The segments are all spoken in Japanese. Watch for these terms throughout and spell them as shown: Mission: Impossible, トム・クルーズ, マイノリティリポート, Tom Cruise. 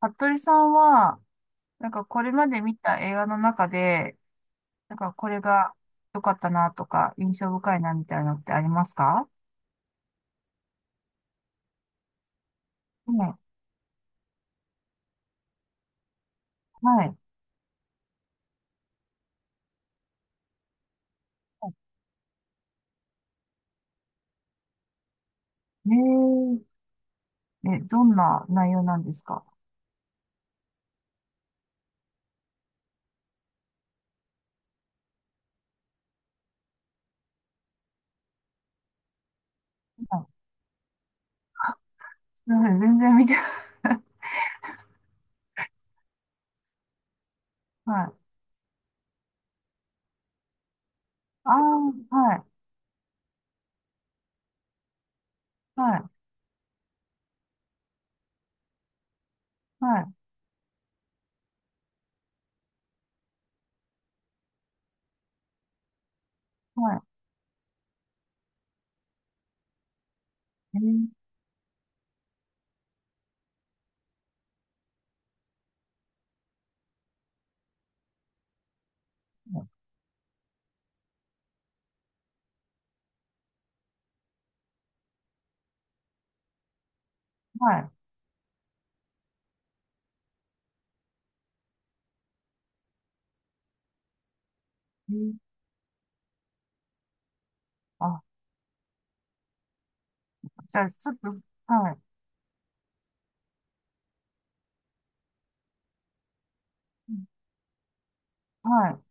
服部さんは、これまで見た映画の中で、これが良かったなとか、印象深いなみたいなのってありますかね、はい。えー、え、どんな内容なんですか？はい。すいません、全然見てない。はい。ああ、はい、はい、はい、はい。えー、はい。えー、あ、じゃあ、ちょっと、はい、はい、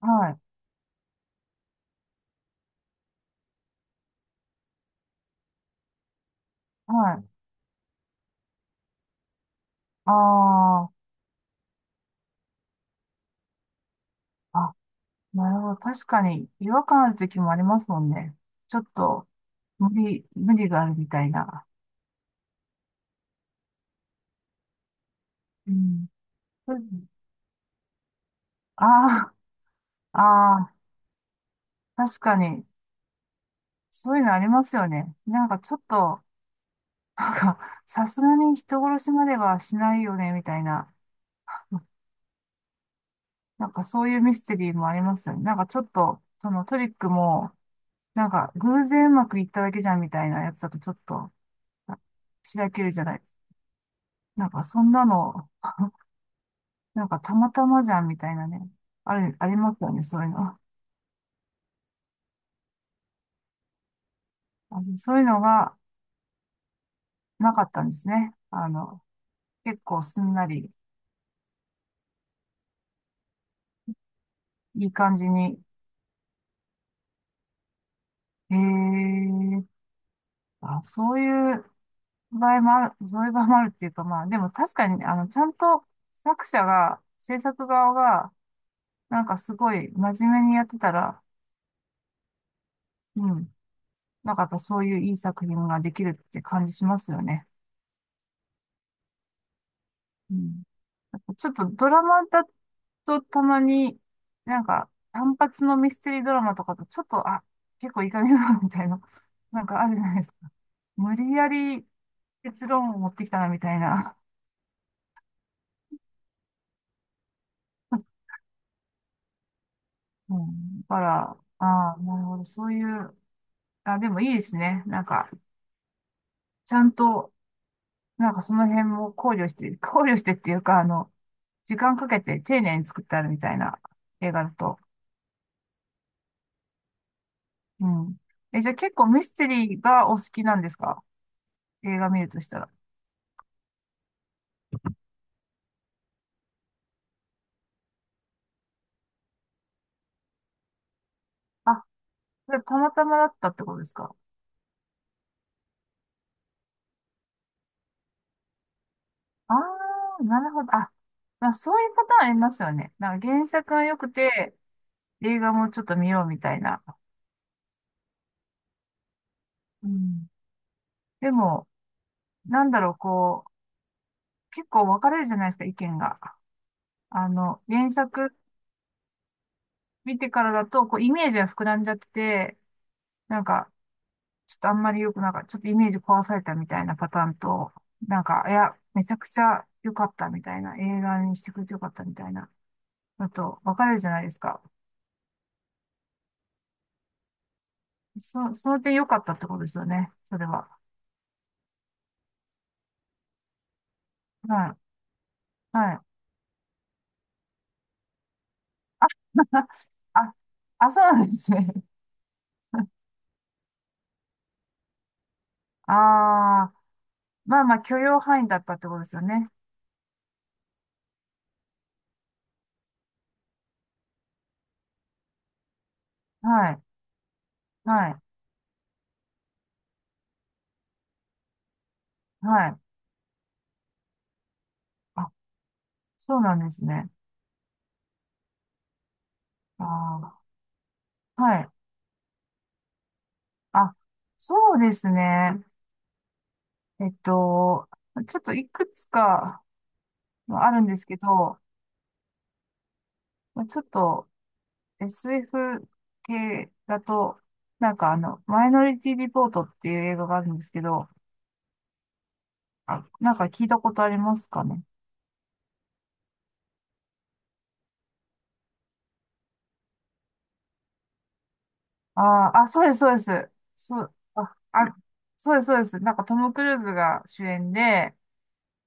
はい、はい。ああ、あ、なるほど。確かに違和感ある時もありますもんね。ちょっと無理があるみたいな。うん。ああ、ああ、確かに、そういうのありますよね。なんかちょっと、さすがに人殺しまではしないよね、みたいな。なんかそういうミステリーもありますよね。なんかちょっと、そのトリックも、なんか偶然うまくいっただけじゃんみたいなやつだとちょっと、あ、しらけるじゃない。なんかそんなのなんかたまたまじゃんみたいなね、ありますよね、そういうの。あ、そういうのがなかったんですね。あの、結構すんなり、いい感じに。へえ、あ、そういう場合もある、そういう場合もあるっていうか、まあ、でも確かにね、あの、ちゃんと作者が、制作側が、なんかすごい真面目にやってたら、うん、なんかやっぱそういういい作品ができるって感じしますよね。うん、ちょっとドラマだとたまに、なんか単発のミステリードラマとかとちょっと、あ、結構いい加減だなみたいな、なんかあるじゃないですか。無理やり結論を持ってきたなみたいな。うん、だから、ああ、なるほど、そういう、あ、でもいいですね。なんか、ちゃんと、なんかその辺も考慮して、考慮してっていうか、あの、時間かけて丁寧に作ってあるみたいな映画だと。うん。え、じゃあ結構ミステリーがお好きなんですか？映画見るとしたら。あ、それたまたまだったってことですか？ああー、なるほど。あ、まあそういうパターンありますよね。なんか原作が良くて、映画もちょっと見ようみたいな。うん。でも、なんだろう、こう、結構分かれるじゃないですか、意見が。あの、原作見てからだと、こう、イメージが膨らんじゃってて、なんか、ちょっとあんまり良くなんか、ちょっとイメージ壊されたみたいなパターンと、なんか、いや、めちゃくちゃ良かったみたいな、映画にしてくれて良かったみたいな。だと分かれるじゃないですか。その点良かったってことですよね。それは。はい。はい。あ、あ、そうなんですね。ああ、まあまあ許容範囲だったってことですよね。はい。はい。はい。あ、そうなんですね。ああ、はい。あ、そうですね。えっと、ちょっといくつかあるんですけど、まあちょっと SF 系だと、なんかあの、マイノリティリポートっていう映画があるんですけど、あ、なんか聞いたことありますかね。あーあ、そうです。そう、あ、あ、そうです。なんかトム・クルーズが主演で、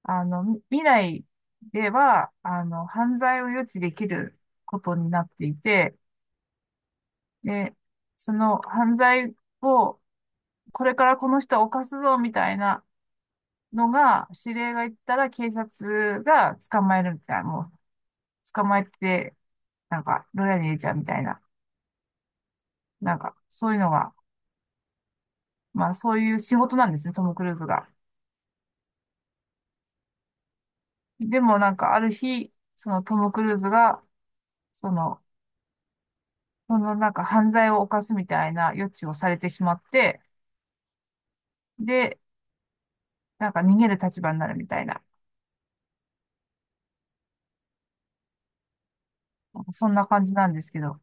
あの、未来では、あの、犯罪を予知できることになっていて、で、その犯罪を、これからこの人を犯すぞ、みたいなのが、指令が言ったら警察が捕まえるみたいな、もう、捕まえて、なんか、牢屋に入れちゃうみたいな、なんか、そういうのが、まあそういう仕事なんですね、トム・クルーズが。でもなんかある日、そのトム・クルーズが、その、そのなんか犯罪を犯すみたいな予知をされてしまって、で、なんか逃げる立場になるみたいな、なんかそんな感じなんですけど。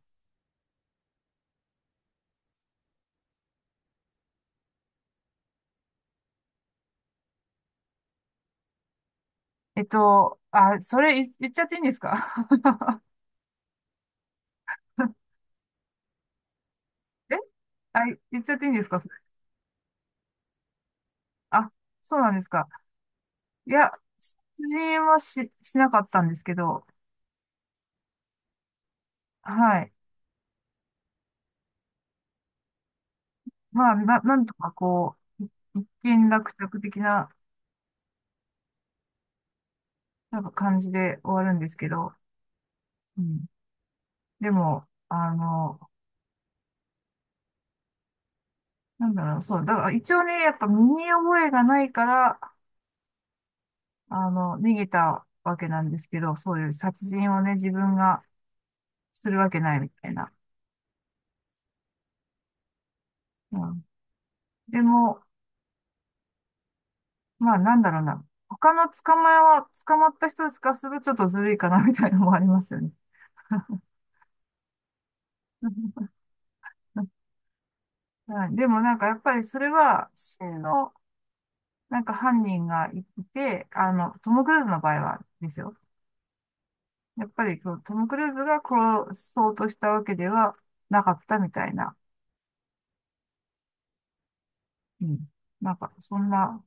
えっと、あ、それ言っちゃっていいんですか？ え、あ、言っちゃっていいんですかそれ？あ、そうなんですか。いや、殺人はしなかったんですけど、はい。まあ、なんとかこう、一件落着的な、なんか感じで終わるんですけど、うん。でも、あの、なんだろう、そう、だから一応ね、やっぱ身に覚えがないから、あの、逃げたわけなんですけど、そういう殺人をね、自分がするわけないみたいな。うん。でも、まあなんだろうな、他の捕まえは、捕まった人たちからするとちょっとずるいかなみたいなのもありますよね。はい、でもなんかやっぱりそれは真のなんか犯人がいて、あの、トム・クルーズの場合はですよ。やっぱりこうトム・クルーズが殺そうとしたわけではなかったみたいな。うん。なんか、そんな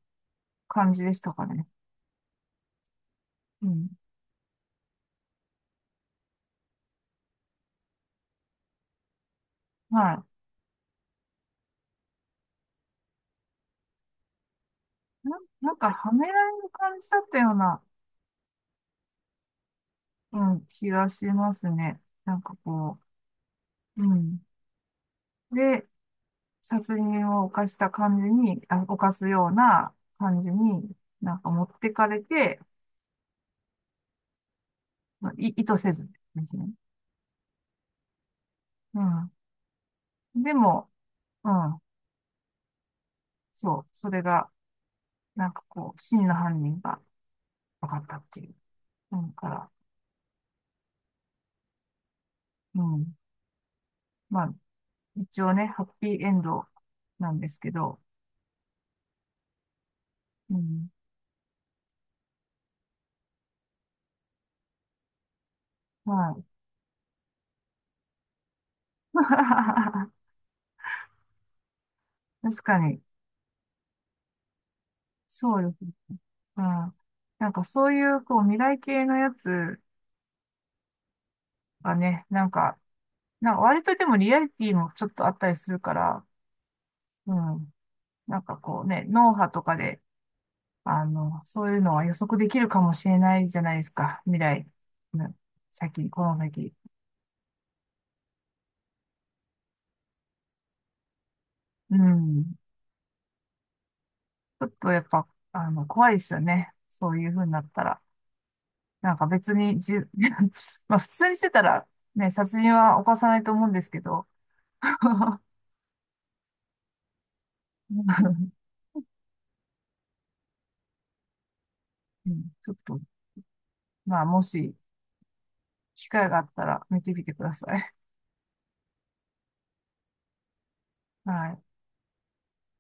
感じでしたかね。うん。はい。なんか、はめられる感じだったような、うん、気がしますね。なんかこう、うん。で、殺人を犯した感じに、あ、犯すような感じに、なんか持ってかれて、まあ意図せずですね。うん。でも、うん。そう。それが、なんかこう、真の犯人が、分かったっていう。なんから、うん。まあ、一応ね、ハッピーエンドなんですけど、うん。はい。確かに、そうです。うん。なんかそういう、こう、未来系のやつはね、なんか、なんか割とでもリアリティもちょっとあったりするから、うん。なんかこうね、脳波とかで、あの、そういうのは予測できるかもしれないじゃないですか。未来。うん。先、この先。うん。ちょっとやっぱ、あの、怖いですよね。そういう風になったら。なんか別に、まあ普通にしてたら、ね、殺人は犯さないと思うんですけど、うん、ちょっと、まあもし、機会があったら見てみてください。はい。